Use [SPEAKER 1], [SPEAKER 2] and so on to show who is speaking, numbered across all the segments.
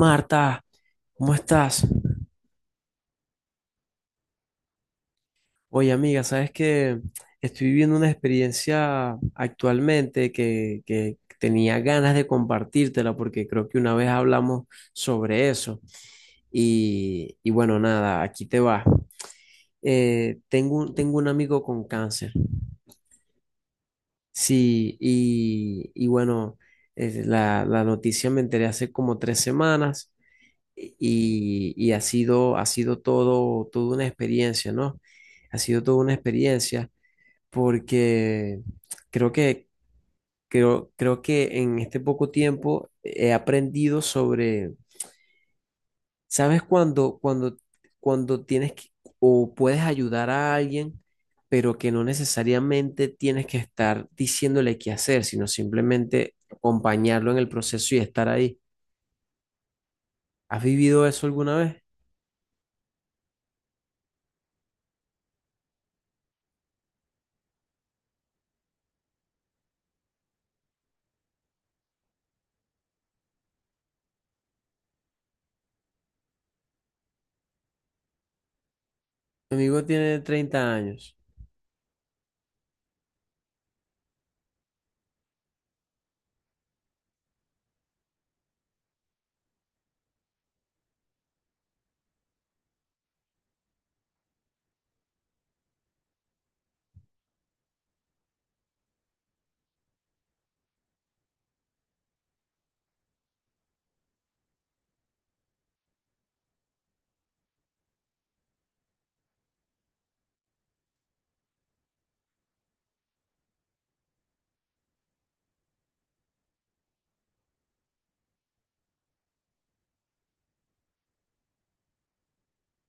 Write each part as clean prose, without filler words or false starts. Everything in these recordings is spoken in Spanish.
[SPEAKER 1] Marta, ¿cómo estás? Oye, amiga, sabes que estoy viviendo una experiencia actualmente que tenía ganas de compartírtela porque creo que una vez hablamos sobre eso. Y bueno, nada, aquí te va. Tengo un amigo con cáncer. Sí, y bueno, la noticia me enteré hace como 3 semanas y ha sido toda una experiencia, ¿no? Ha sido toda una experiencia porque creo que, creo, creo que en este poco tiempo he aprendido sobre, ¿sabes cuando o puedes ayudar a alguien, pero que no necesariamente tienes que estar diciéndole qué hacer, sino simplemente acompañarlo en el proceso y estar ahí? ¿Has vivido eso alguna vez? Mi amigo tiene 30 años.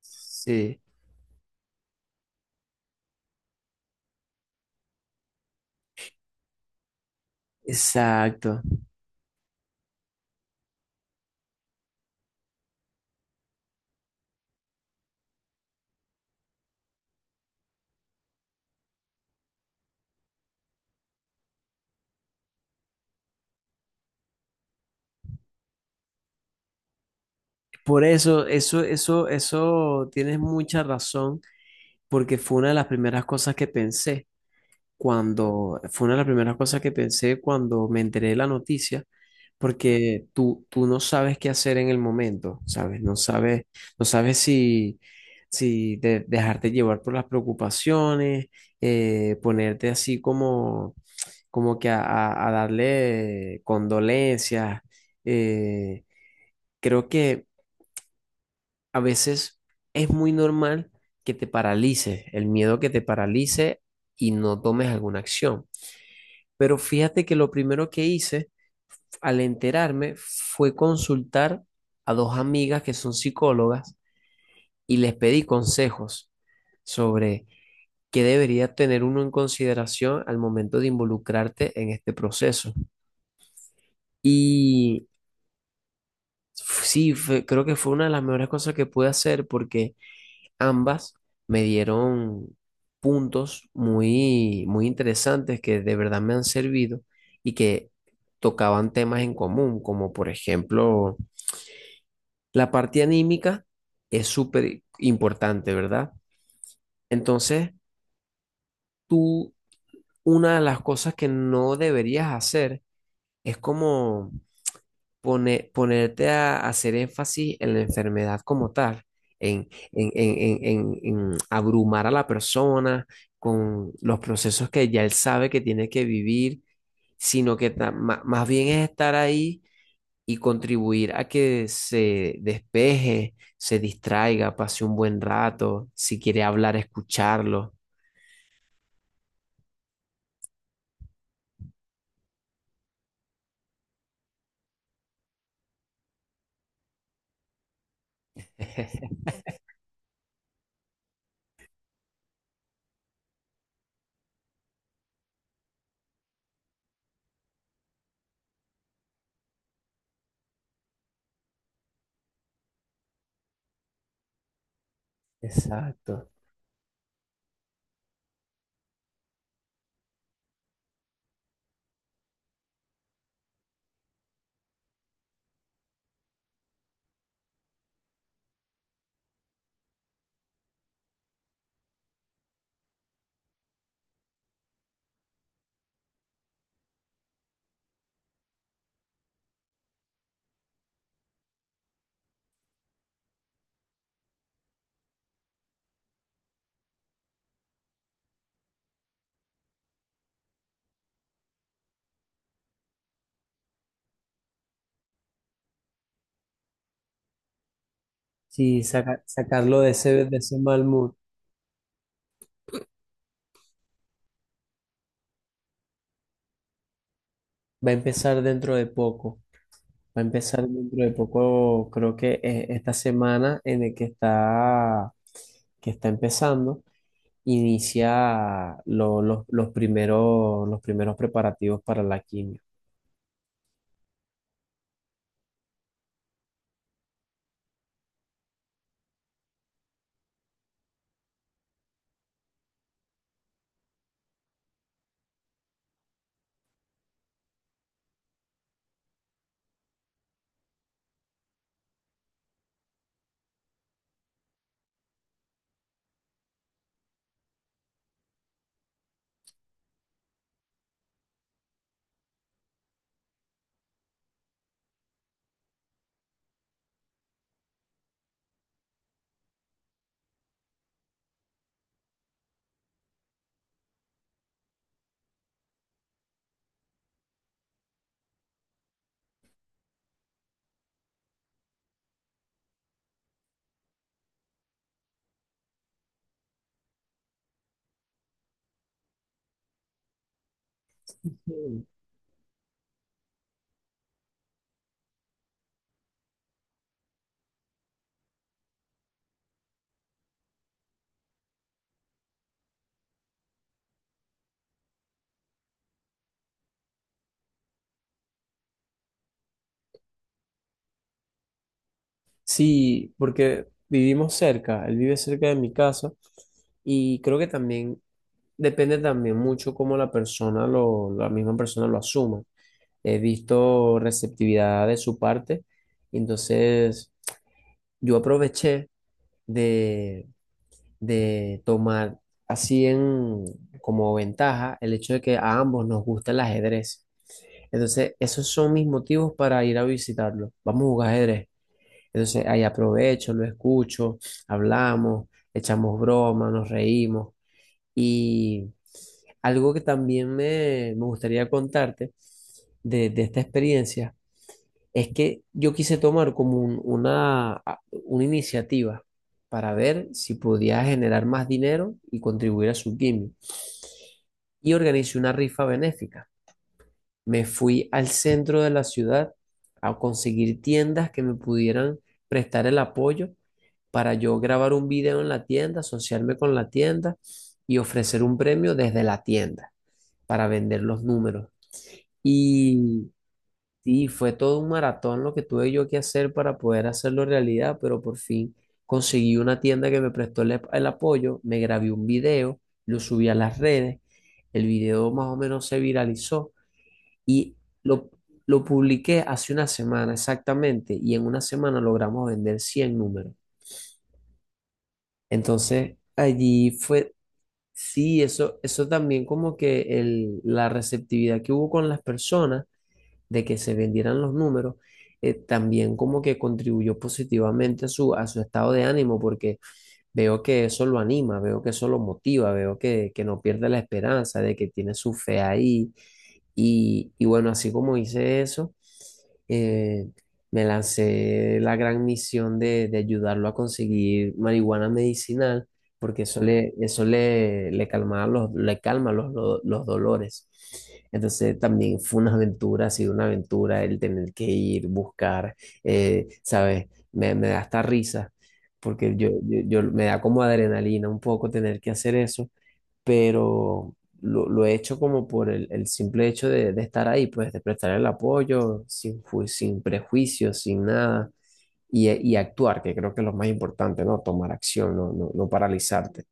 [SPEAKER 1] Sí, exacto. Por eso, eso, eso, eso, tienes mucha razón, porque fue una de las primeras cosas que pensé cuando, fue una de las primeras cosas que pensé cuando me enteré de la noticia, porque tú no sabes qué hacer en el momento, ¿sabes? No sabes, no sabes si, dejarte llevar por las preocupaciones, ponerte así como, como que a darle condolencias. eh, creo que a veces es muy normal que te paralices, el miedo que te paralice y no tomes alguna acción. Pero fíjate que lo primero que hice al enterarme fue consultar a dos amigas que son psicólogas y les pedí consejos sobre qué debería tener uno en consideración al momento de involucrarte en este proceso. Y sí, creo que fue una de las mejores cosas que pude hacer porque ambas me dieron puntos muy, muy interesantes que de verdad me han servido y que tocaban temas en común, como por ejemplo la parte anímica es súper importante, ¿verdad? Entonces, tú, una de las cosas que no deberías hacer es como ponerte a hacer énfasis en la enfermedad como tal, en abrumar a la persona con los procesos que ya él sabe que tiene que vivir, sino que más bien es estar ahí y contribuir a que se despeje, se distraiga, pase un buen rato, si quiere hablar, escucharlo. Exacto. Sí, sacarlo de ese mal mood. Va a empezar dentro de poco. Va a empezar dentro de poco, creo que esta semana en el que está empezando, inicia los primeros preparativos para la quimio. Mm. Sí, porque vivimos cerca, él vive cerca de mi casa y creo que también depende también mucho cómo la persona, lo, la misma persona lo asuma. He visto receptividad de su parte, entonces yo aproveché de, de tomar así en, como ventaja el hecho de que a ambos nos gusta el ajedrez. Entonces, esos son mis motivos para ir a visitarlo. Vamos a jugar ajedrez. Entonces, ahí aprovecho, lo escucho, hablamos, echamos broma, nos reímos. Y algo que también me gustaría contarte de esta experiencia es que yo quise tomar como una iniciativa para ver si podía generar más dinero y contribuir a su gimmick. Y organicé una rifa benéfica. Me fui al centro de la ciudad a conseguir tiendas que me pudieran prestar el apoyo para yo grabar un video en la tienda, asociarme con la tienda y ofrecer un premio desde la tienda para vender los números. Y sí, fue todo un maratón lo que tuve yo que hacer para poder hacerlo realidad, pero por fin conseguí una tienda que me prestó el apoyo, me grabé un video, lo subí a las redes, el video más o menos se viralizó y lo, lo publiqué hace una semana exactamente y en una semana logramos vender 100 números. Entonces allí fue, sí, eso también como que la receptividad que hubo con las personas de que se vendieran los números, también como que contribuyó positivamente a su estado de ánimo, porque veo que eso lo anima, veo que eso lo motiva, veo que no pierde la esperanza de que tiene su fe ahí. Y bueno, así como hice eso, eh, me lancé la gran misión de ayudarlo a conseguir marihuana medicinal, porque eso le calmaba los, le calma los, los dolores. Entonces también fue una aventura, ha sido una aventura el tener que ir, buscar, ¿sabes? Me da hasta risa porque me da como adrenalina un poco tener que hacer eso, pero lo he hecho como por el simple hecho de estar ahí, pues de prestar el apoyo, sin prejuicios, sin nada, y actuar, que creo que es lo más importante, ¿no? Tomar acción, no paralizarte.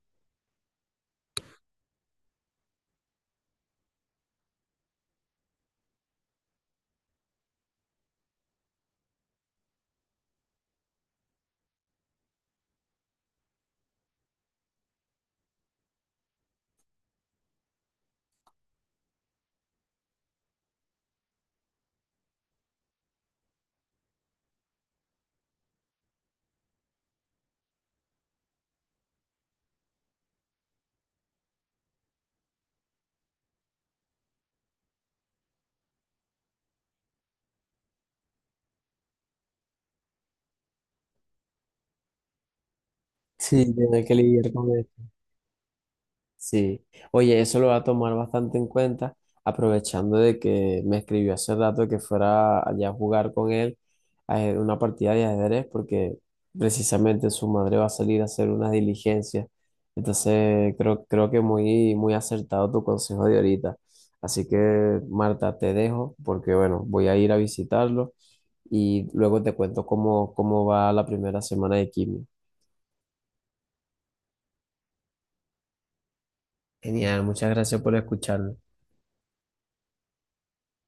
[SPEAKER 1] Sí, tener que lidiar con eso. Sí, oye, eso lo voy a tomar bastante en cuenta, aprovechando de que me escribió hace rato que fuera allá a jugar con él a una partida de ajedrez, porque precisamente su madre va a salir a hacer unas diligencias. Entonces, creo, creo que muy, muy acertado tu consejo de ahorita. Así que, Marta, te dejo, porque bueno, voy a ir a visitarlo y luego te cuento cómo, cómo va la primera semana de quimio. Genial, muchas gracias por escucharme.